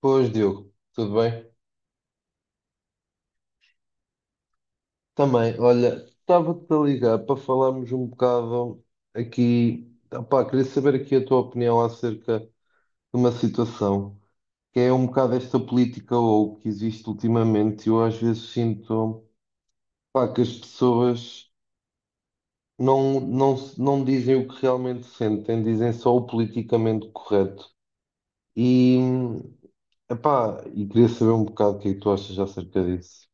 Pois, Diogo, tudo bem? Também, olha, estava-te a ligar para falarmos um bocado aqui. Opá, queria saber aqui a tua opinião acerca de uma situação que é um bocado esta política ou que existe ultimamente. Eu às vezes sinto, pá, que as pessoas não dizem o que realmente sentem, dizem só o politicamente correto. E, e queria saber um bocado o que é que tu achas acerca disso.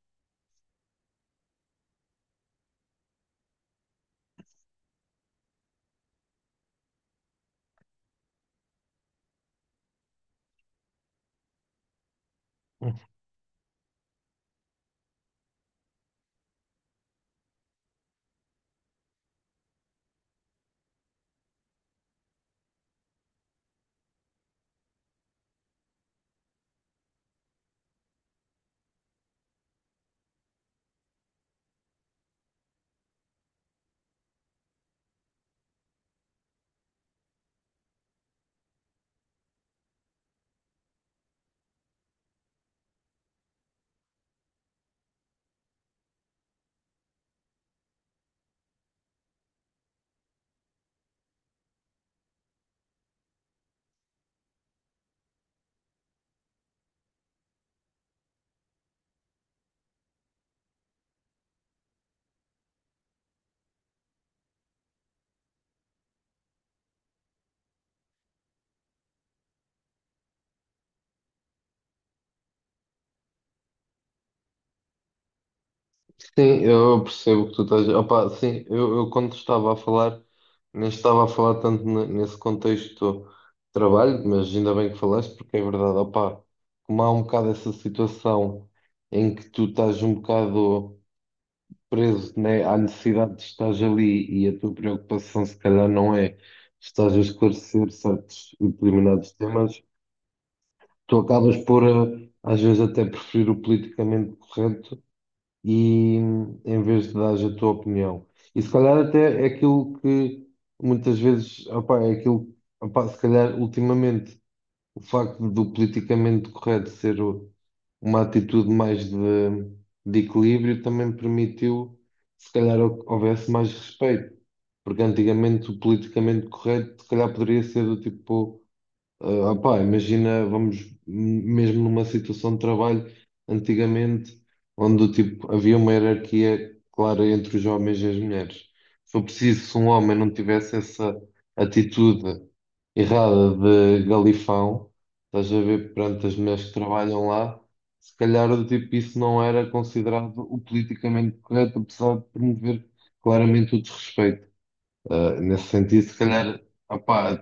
Sim, eu percebo o que tu estás. Opa, sim, eu quando estava a falar, nem estava a falar tanto nesse contexto de trabalho, mas ainda bem que falaste, porque é verdade, opa, como há um bocado essa situação em que tu estás um bocado preso, né, à necessidade de estar ali e a tua preocupação se calhar não é estás a esclarecer certos e determinados temas, tu acabas por, às vezes, até preferir o politicamente correto e em vez de dar a tua opinião. E se calhar até é aquilo que muitas vezes, opá, é aquilo, opá, se calhar ultimamente o facto do politicamente correto uma atitude mais de equilíbrio também permitiu, se calhar, houvesse mais respeito. Porque antigamente o politicamente correto, se calhar, poderia ser do tipo. Ah, opá, imagina, vamos mesmo numa situação de trabalho antigamente, onde tipo, havia uma hierarquia clara entre os homens e as mulheres. Se for preciso, se um homem não tivesse essa atitude errada de galifão, estás a ver perante as mulheres que trabalham lá, se calhar do tipo, isso não era considerado o politicamente correto, apesar de promover claramente o desrespeito. Nesse sentido, se calhar, opá,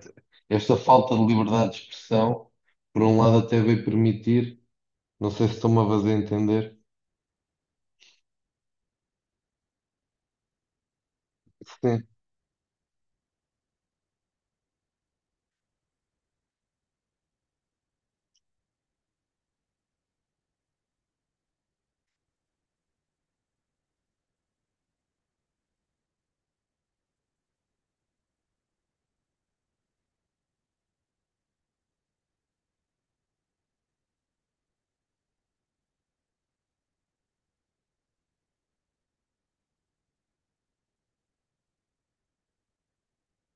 esta falta de liberdade de expressão, por um lado, até veio permitir, não sei se estou-me a fazer entender. Sim.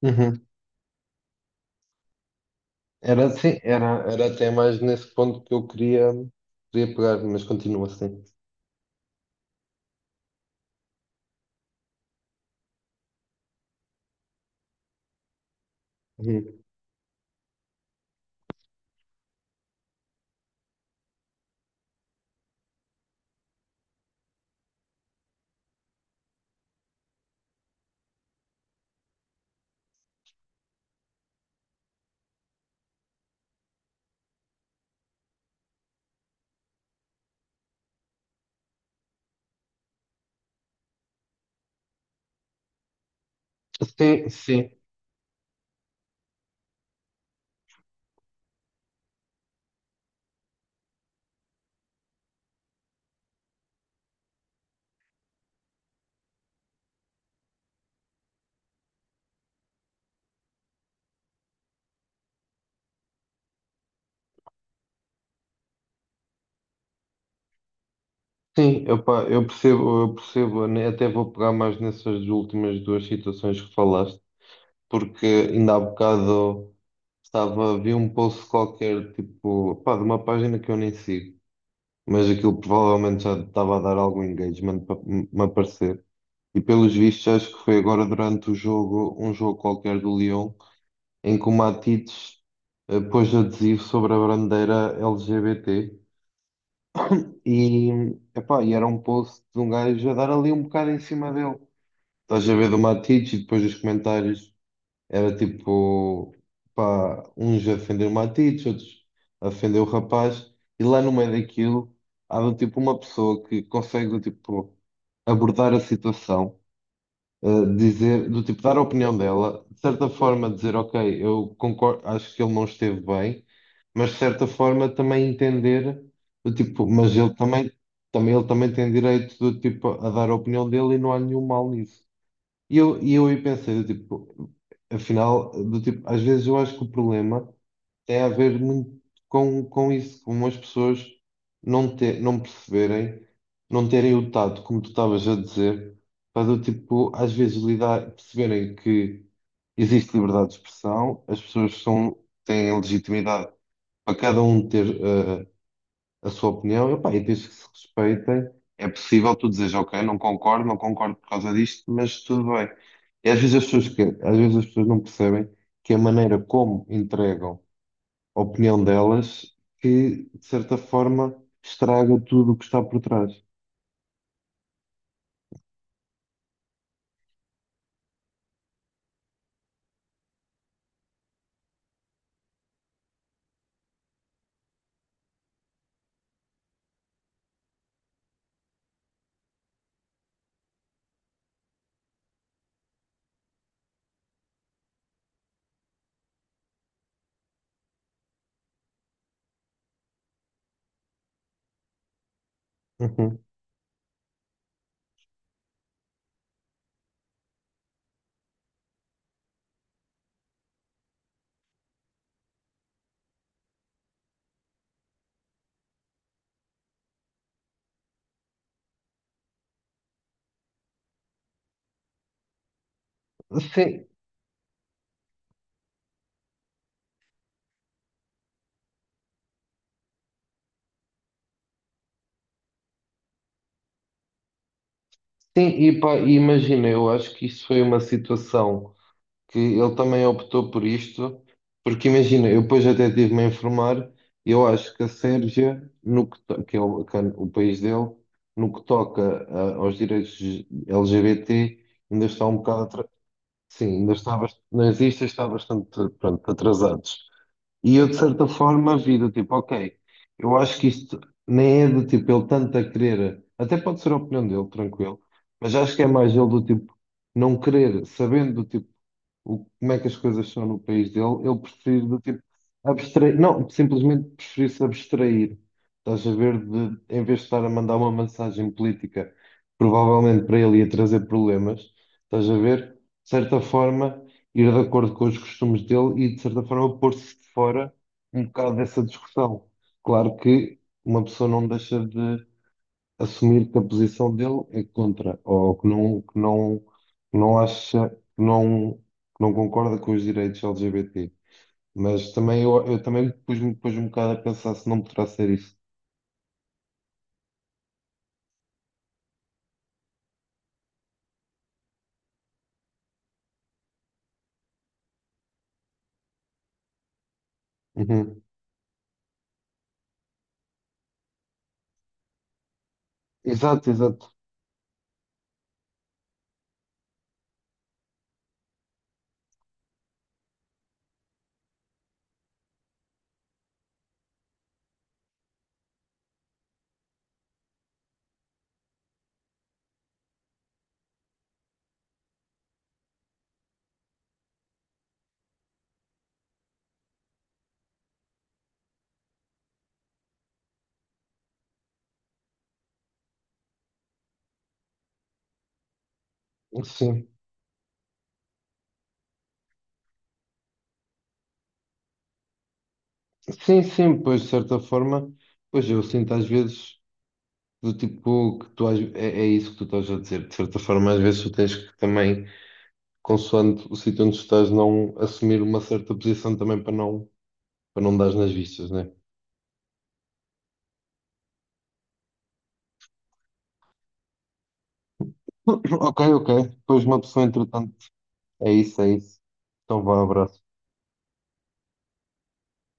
Uhum. Era assim, era até mais nesse ponto que eu queria, queria pegar, mas continua assim. Uhum. Sim, sim, sim. Opá, eu percebo, né, até vou pegar mais nessas últimas duas situações que falaste, porque ainda há bocado estava, vi um post qualquer, tipo, pá, de uma página que eu nem sigo mas aquilo provavelmente já estava a dar algum engagement para me aparecer. E pelos vistos, acho que foi agora durante o jogo, um jogo qualquer do Lyon, em que o Matites pôs adesivo sobre a bandeira LGBT. E, e era um post de um gajo a dar ali um bocado em cima dele. Estás a ver do Matites e depois os comentários. Era tipo, pá, uns a ofender o Matites, outros a ofender o rapaz, e lá no meio daquilo há do tipo uma pessoa que consegue do tipo abordar a situação, eh, dizer, do tipo dar a opinião dela, de certa forma dizer, ok, eu concordo, acho que ele não esteve bem, mas de certa forma também entender do tipo, mas ele também, também ele também tem direito do tipo a dar a opinião dele e não há nenhum mal nisso. E eu aí pensei, do tipo, afinal, do tipo, às vezes eu acho que o problema tem a ver muito com isso, com as pessoas não, ter, não perceberem, não terem o tato, como tu estavas a dizer, para do tipo, às vezes lidar, perceberem que existe liberdade de expressão, as pessoas são, têm legitimidade para cada um ter a sua opinião, epá, e diz que se respeitem. É possível tu dizeres, ok, não concordo, não concordo por causa disto, mas tudo bem. E às vezes as pessoas, que, às vezes as pessoas não percebem que a maneira como entregam a opinião delas, que de certa forma estraga tudo o que está por trás. Uhum. Sim, sim, e pá, e imagina, eu acho que isso foi uma situação. Que ele também optou por isto, porque imagina, eu depois até estive-me a informar, eu acho que a Sérvia, no que, que é o país dele, no que toca aos direitos LGBT, ainda está um bocado atrasado. Sim, ainda está nas listas está bastante, pronto, atrasados. E eu, de certa forma, vi do tipo, ok, eu acho que isto nem é do tipo ele tanto a querer, até pode ser a opinião dele, tranquilo, mas acho que é mais ele do tipo não querer, sabendo do tipo o, como é que as coisas são no país dele, ele preferir do tipo abstrair, não, simplesmente preferir-se abstrair. Estás a ver, de, em vez de estar a mandar uma mensagem política, provavelmente para ele ia trazer problemas, estás a ver, de certa forma, ir de acordo com os costumes dele e, de certa forma, pôr-se de fora um bocado dessa discussão. Claro que uma pessoa não deixa de assumir que a posição dele é contra, ou que não, que não, que não acha, que não concorda com os direitos LGBT. Mas também eu também pus-me pus um bocado a pensar se não poderá ser isso. Uhum. Exato, exato. Sim. Sim, sim, pois de certa forma, pois eu sinto às vezes do tipo que tu é, é isso que tu estás a dizer. De certa forma, às vezes tu tens que também, consoante o sítio onde tu estás, não assumir uma certa posição também para não dar nas vistas, né? Ok, ok. Depois uma pessoa, entretanto. É isso, é isso. Então vá, abraço.